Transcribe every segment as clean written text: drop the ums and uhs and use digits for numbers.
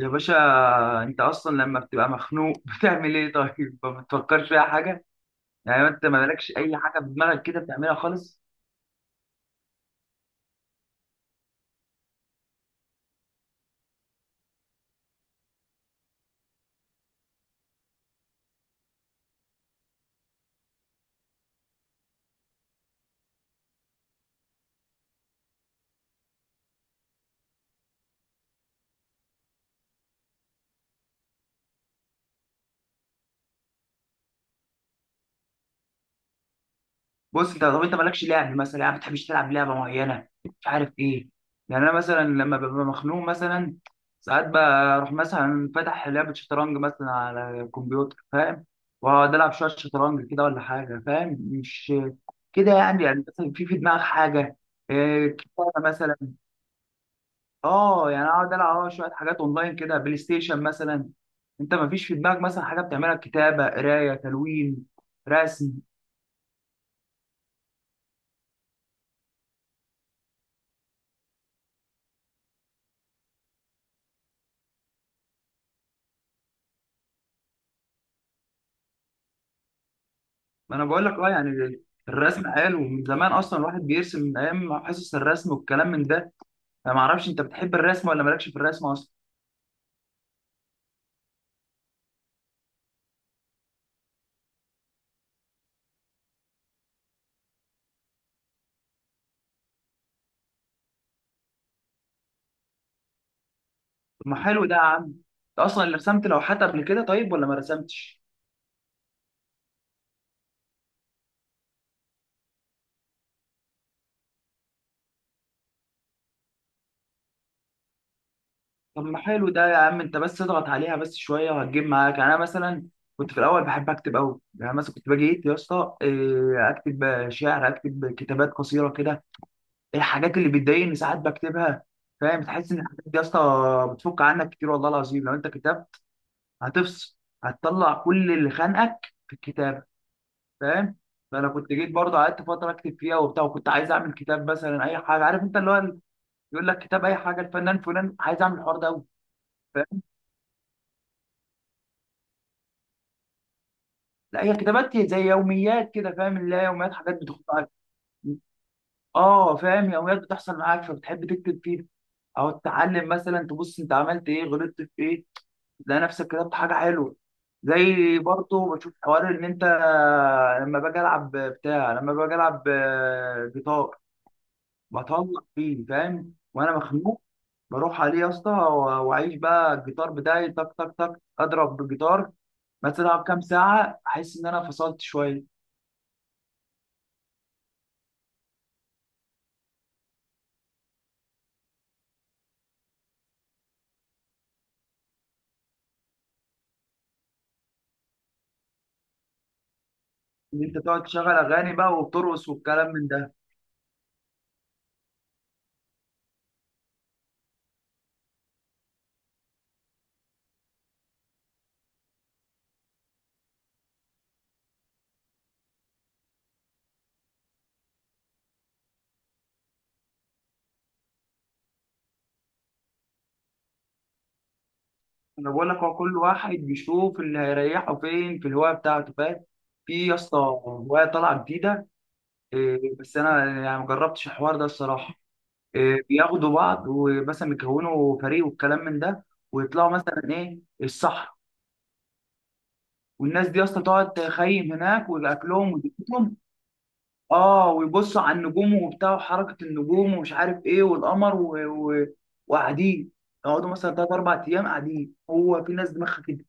يا باشا، انت اصلا لما بتبقى مخنوق بتعمل ايه؟ طيب ما بتفكرش في اي حاجه؟ يعني انت ما مالكش اي حاجه في دماغك كده بتعملها خالص؟ بص، انت طب انت مالكش لعب مثلا؟ يعني ما بتحبش تلعب لعبه معينه مش عارف ايه؟ يعني انا مثلا لما ببقى مخنوق، مثلا ساعات بروح مثلا فاتح لعبه شطرنج مثلا على الكمبيوتر، فاهم؟ واقعد العب شويه شطرنج كده ولا حاجه، فاهم؟ مش كده؟ يعني يعني مثلا في دماغك حاجه؟ إيه، كتابه مثلا، اه يعني اقعد العب اه شويه حاجات اونلاين كده، بلاي ستيشن مثلا. انت ما فيش في دماغك مثلا حاجه بتعملها؟ كتابه، قرايه، تلوين، رسم. ما انا بقول لك اه يعني الرسم حلو من زمان اصلا، الواحد بيرسم من ايام حصص الرسم والكلام من ده. انا ما اعرفش انت بتحب الرسم ولا مالكش في الرسم اصلا؟ طب ما حلو ده يا عم، انت اصلا اللي رسمت لوحات قبل كده طيب ولا ما رسمتش؟ طب ما حلو ده يا عم، انت بس اضغط عليها بس شويه وهتجيب معاك. يعني انا مثلا كنت في الاول بحب اكتب قوي، يعني مثلا كنت باجي ايه يا اسطى إيه، اكتب شعر، اكتب كتابات قصيره كده. الحاجات اللي بتضايقني ساعات بكتبها، فاهم؟ تحس ان الحاجات دي يا اسطى بتفك عنك كتير، والله العظيم لو انت كتاب هتفصل، هتطلع كل اللي خانقك في الكتاب، فاهم؟ فانا كنت جيت برضه قعدت فتره اكتب فيها وبتاع، وكنت عايز اعمل كتاب مثلا اي حاجه. عارف انت اللي هو يقول لك كتاب اي حاجه الفنان فلان، عايز اعمل الحوار ده قوي. لا هي كتابات زي يوميات كده، فاهم؟ اللي هي يوميات حاجات بتخط عليك. اه فاهم، يوميات بتحصل معاك فبتحب تكتب فيها، او تتعلم مثلا تبص انت عملت ايه، غلطت في ايه، تلاقي نفسك كتبت حاجه حلوه. زي برضه بشوف حوار ان انت لما باجي العب بتاع، لما باجي العب آه، جيتار، بطلع فيه فاهم وانا مخنوق، بروح عليه يا اسطى و- واعيش بقى الجيتار بتاعي، تك تك تك، اضرب بالجيتار مثلا العب كام ساعه، احس ان انا فصلت شويه. ان انت تقعد تشغل اغاني بقى وبترقص والكلام من ده. انا بقول لك هو كل واحد بيشوف اللي هيريحه فين في الهوايه بتاعته، فاهم؟ في يا اسطى هوايه طالعه جديده، إيه، بس انا يعني ما جربتش الحوار ده الصراحه. إيه، بياخدوا بعض ومثلا بيكونوا فريق والكلام من ده، ويطلعوا مثلا ايه الصحراء، والناس دي اصلا تقعد تخيم هناك والاكلهم ودنيتهم. اه، ويبصوا على النجوم وبتاع، وحركه النجوم ومش عارف ايه والقمر وقاعدين، يقعدوا مثلا 3 4 أيام قاعدين. هو في ناس دماغها كده.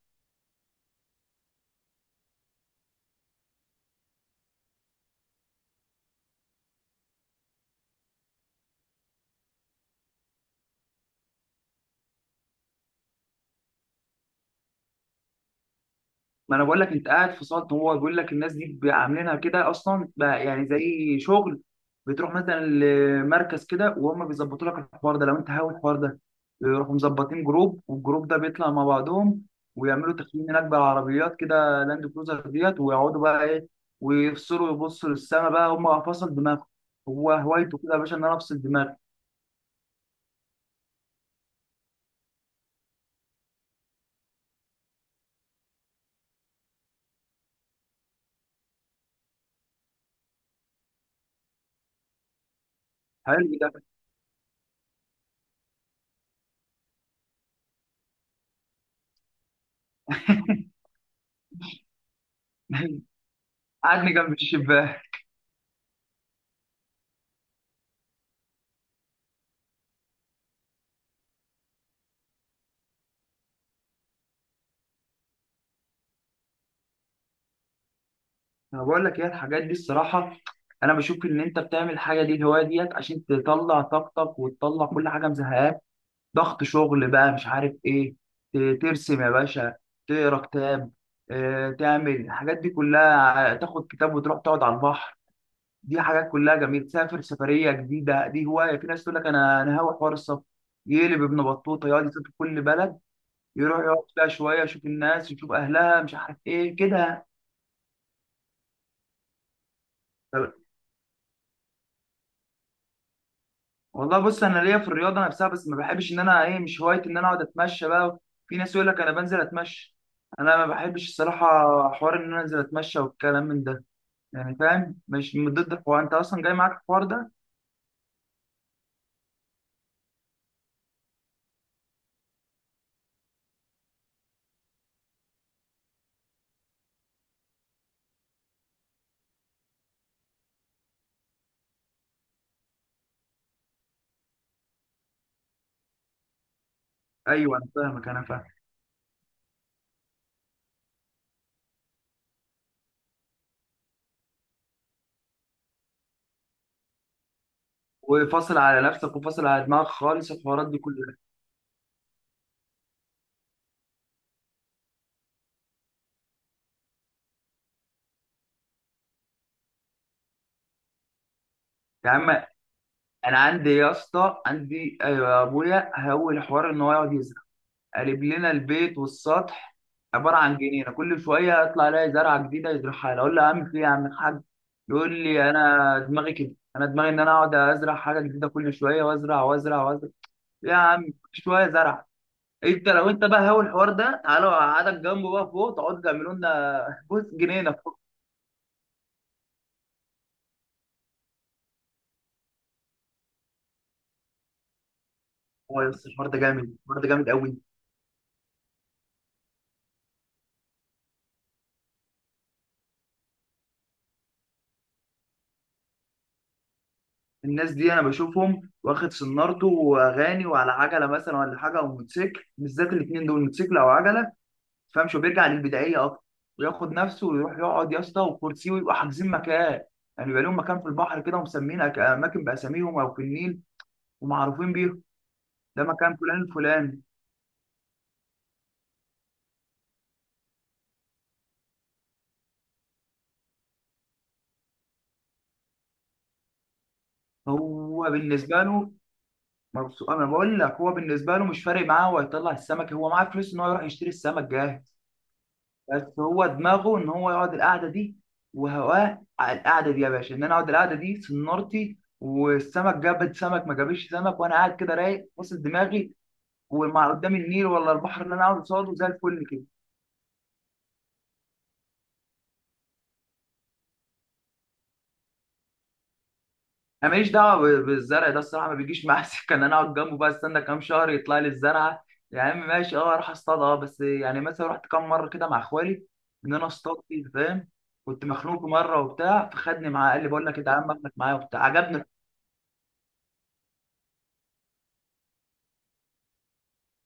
ما انا بقول لك انت قاعد في سلطه هو بيقول لك الناس دي عاملينها كده اصلا بقى، يعني زي شغل. بتروح مثلا لمركز كده وهم بيظبطوا لك الحوار ده لو انت هاوي الحوار ده. يروحوا مظبطين جروب، والجروب ده بيطلع مع بعضهم ويعملوا تخييم هناك بالعربيات كده، لاند كروزر ديت، ويقعدوا بقى ايه، ويفصلوا، يبصوا للسما بقى، هم فصل دماغهم. هو هوايته كده يا باشا، ان انا افصل دماغي. حلو ده. قعدني جنب الشباك. انا بقول لك ايه الحاجات دي الصراحه، انا بشوف ان انت بتعمل الحاجه دي الهوايه ديت عشان تطلع طاقتك وتطلع كل حاجه مزهقاك، ضغط شغل بقى مش عارف ايه. ترسم يا باشا، تقرا كتاب، آه، تعمل الحاجات دي كلها، تاخد كتاب وتروح تقعد على البحر. دي حاجات كلها جميله. تسافر سفريه جديده، دي هوايه. في ناس تقول لك انا هاوي حوار السفر، يقلب ابن بطوطه يقعد يسافر كل بلد، يروح يقعد فيها شويه، يشوف الناس، يشوف اهلها، مش عارف ايه كده. والله بص، انا ليا في الرياضه نفسها بس ما بحبش ان انا ايه، مش هوايتي ان انا اقعد اتمشى بقى. في ناس يقول لك انا بنزل اتمشى، انا ما بحبش الصراحه حوار ان انا انزل اتمشى والكلام من ده، يعني فاهم؟ مش من ضد الحوار، انت اصلا جاي معاك الحوار ده. ايوه انا فاهمك، انا فاهم. وفاصل على نفسك وفاصل على دماغك خالص، الحوارات دي كلها. يا عم، انا عندي يا اسطى، عندي أيوة يا ابويا، هو الحوار ان هو يقعد يزعل، قالب لنا البيت والسطح عباره عن جنينه. كل شويه اطلع الاقي زرعه جديده يزرعها لي، اقول له يا عم في إيه يا عم الحاج؟ يقول لي انا دماغي كده، انا دماغي ان انا اقعد ازرع حاجه جديده كل شويه، وازرع وازرع وازرع. يا عم كل شويه زرع. انت لو انت بقى هاوي الحوار ده، تعالوا اقعدك جنبه بقى فوق، تقعدوا تعملوا لنا بص جنينه فوق. هو يا أسطى الحوار ده جامد، الحوار ده جامد قوي. الناس دي انا بشوفهم واخد سنارته واغاني وعلى عجله مثلا ولا حاجه او موتوسيكل، بالذات الاثنين دول، موتوسيكل او عجله، فاهمش، وبيرجع للبدائيه اكتر، وياخد نفسه ويروح يقعد يا اسطى وكرسي، ويبقى حاجزين مكان. يعني يبقى لهم مكان في البحر كده، ومسمين اماكن باساميهم او في النيل ومعروفين بيهم، ده مكان فلان الفلاني. هو بالنسبه له مبسوط. انا بقول لك هو بالنسبه له مش فارق معاه، هو يطلع السمك، هو معاه فلوس ان هو يروح يشتري السمك جاهز، بس هو دماغه ان هو يقعد القعده دي، وهواه على القعده دي يا باشا، ان انا اقعد القعده دي سنارتي، والسمك جابت سمك ما جابش سمك، وانا قاعد كده رايق واصل دماغي، وما قدام النيل ولا البحر اللي انا اقعد قصاده زي الفل كده. انا ماليش دعوه بالزرع ده الصراحه، ما بيجيش معايا سكه ان انا اقعد جنبه بقى استنى كام شهر يطلع لي الزرعه. يا عم ماشي، اه اروح اصطاد اه، بس يعني مثلا رحت كام مره كده مع اخوالي، ان انا اصطاد فيه، فاهم؟ كنت مخنوق مره وبتاع فخدني معاه، قال لي بقول لك إيه، تعالى اما اخدك معايا وبتاع، عجبني.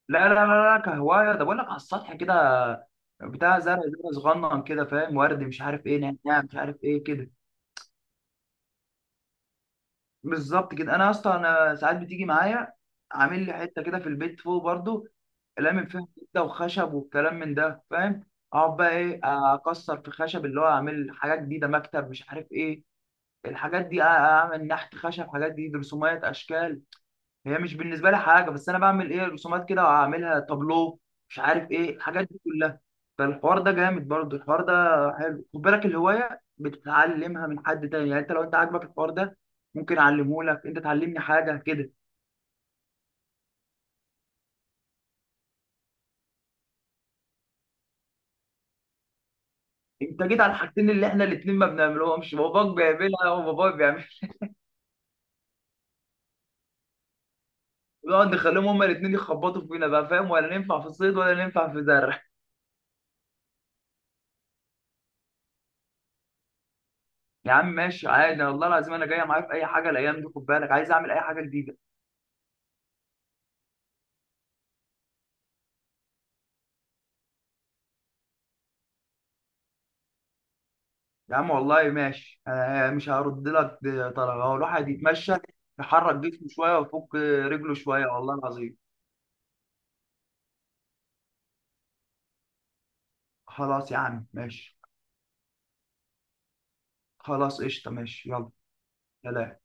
لا لا لا لا، كهوايه ده، بقول لك على السطح كده، بتاع زرع زرع صغنن كده، فاهم؟ ورد مش عارف ايه، نعناع مش عارف ايه كده. بالظبط كده. انا اصلا انا ساعات بتيجي معايا، عامل لي حته كده في البيت فوق برضو، لامم فيها كده وخشب والكلام من ده، فاهم؟ اقعد بقى ايه، اكسر في خشب اللي هو اعمل حاجات جديده، مكتب مش عارف ايه الحاجات دي، اعمل نحت خشب، حاجات دي رسومات اشكال. هي مش بالنسبه لي حاجه، بس انا بعمل ايه، رسومات كده وهعملها تابلو، مش عارف ايه الحاجات دي كلها. فالحوار ده جامد برضو الحوار ده، حلو. خد بالك الهوايه بتتعلمها من حد تاني، يعني انت لو انت عاجبك الحوار ده ممكن اعلمه لك، انت تعلمني حاجه كده. انت جيت على الحاجتين اللي احنا الاثنين ما بنعملهمش، باباك بيعملها وباباي بيعملها، ونقعد نخليهم هما الاثنين يخبطوا فينا بقى، فاهم؟ ولا ننفع في الصيد ولا ننفع في زرع. يا عم ماشي عادي، والله العظيم انا جايه معايا في اي حاجه الايام دي، خد بالك، عايز اعمل اي حاجه جديده. يا عم والله ماشي آه، مش هرد لك طلب هو الواحد يتمشى، يحرك جسمه شويه ويفك رجله شويه، والله العظيم. خلاص يا عم ماشي، خلاص قشطه، ماشي، يلا، سلام.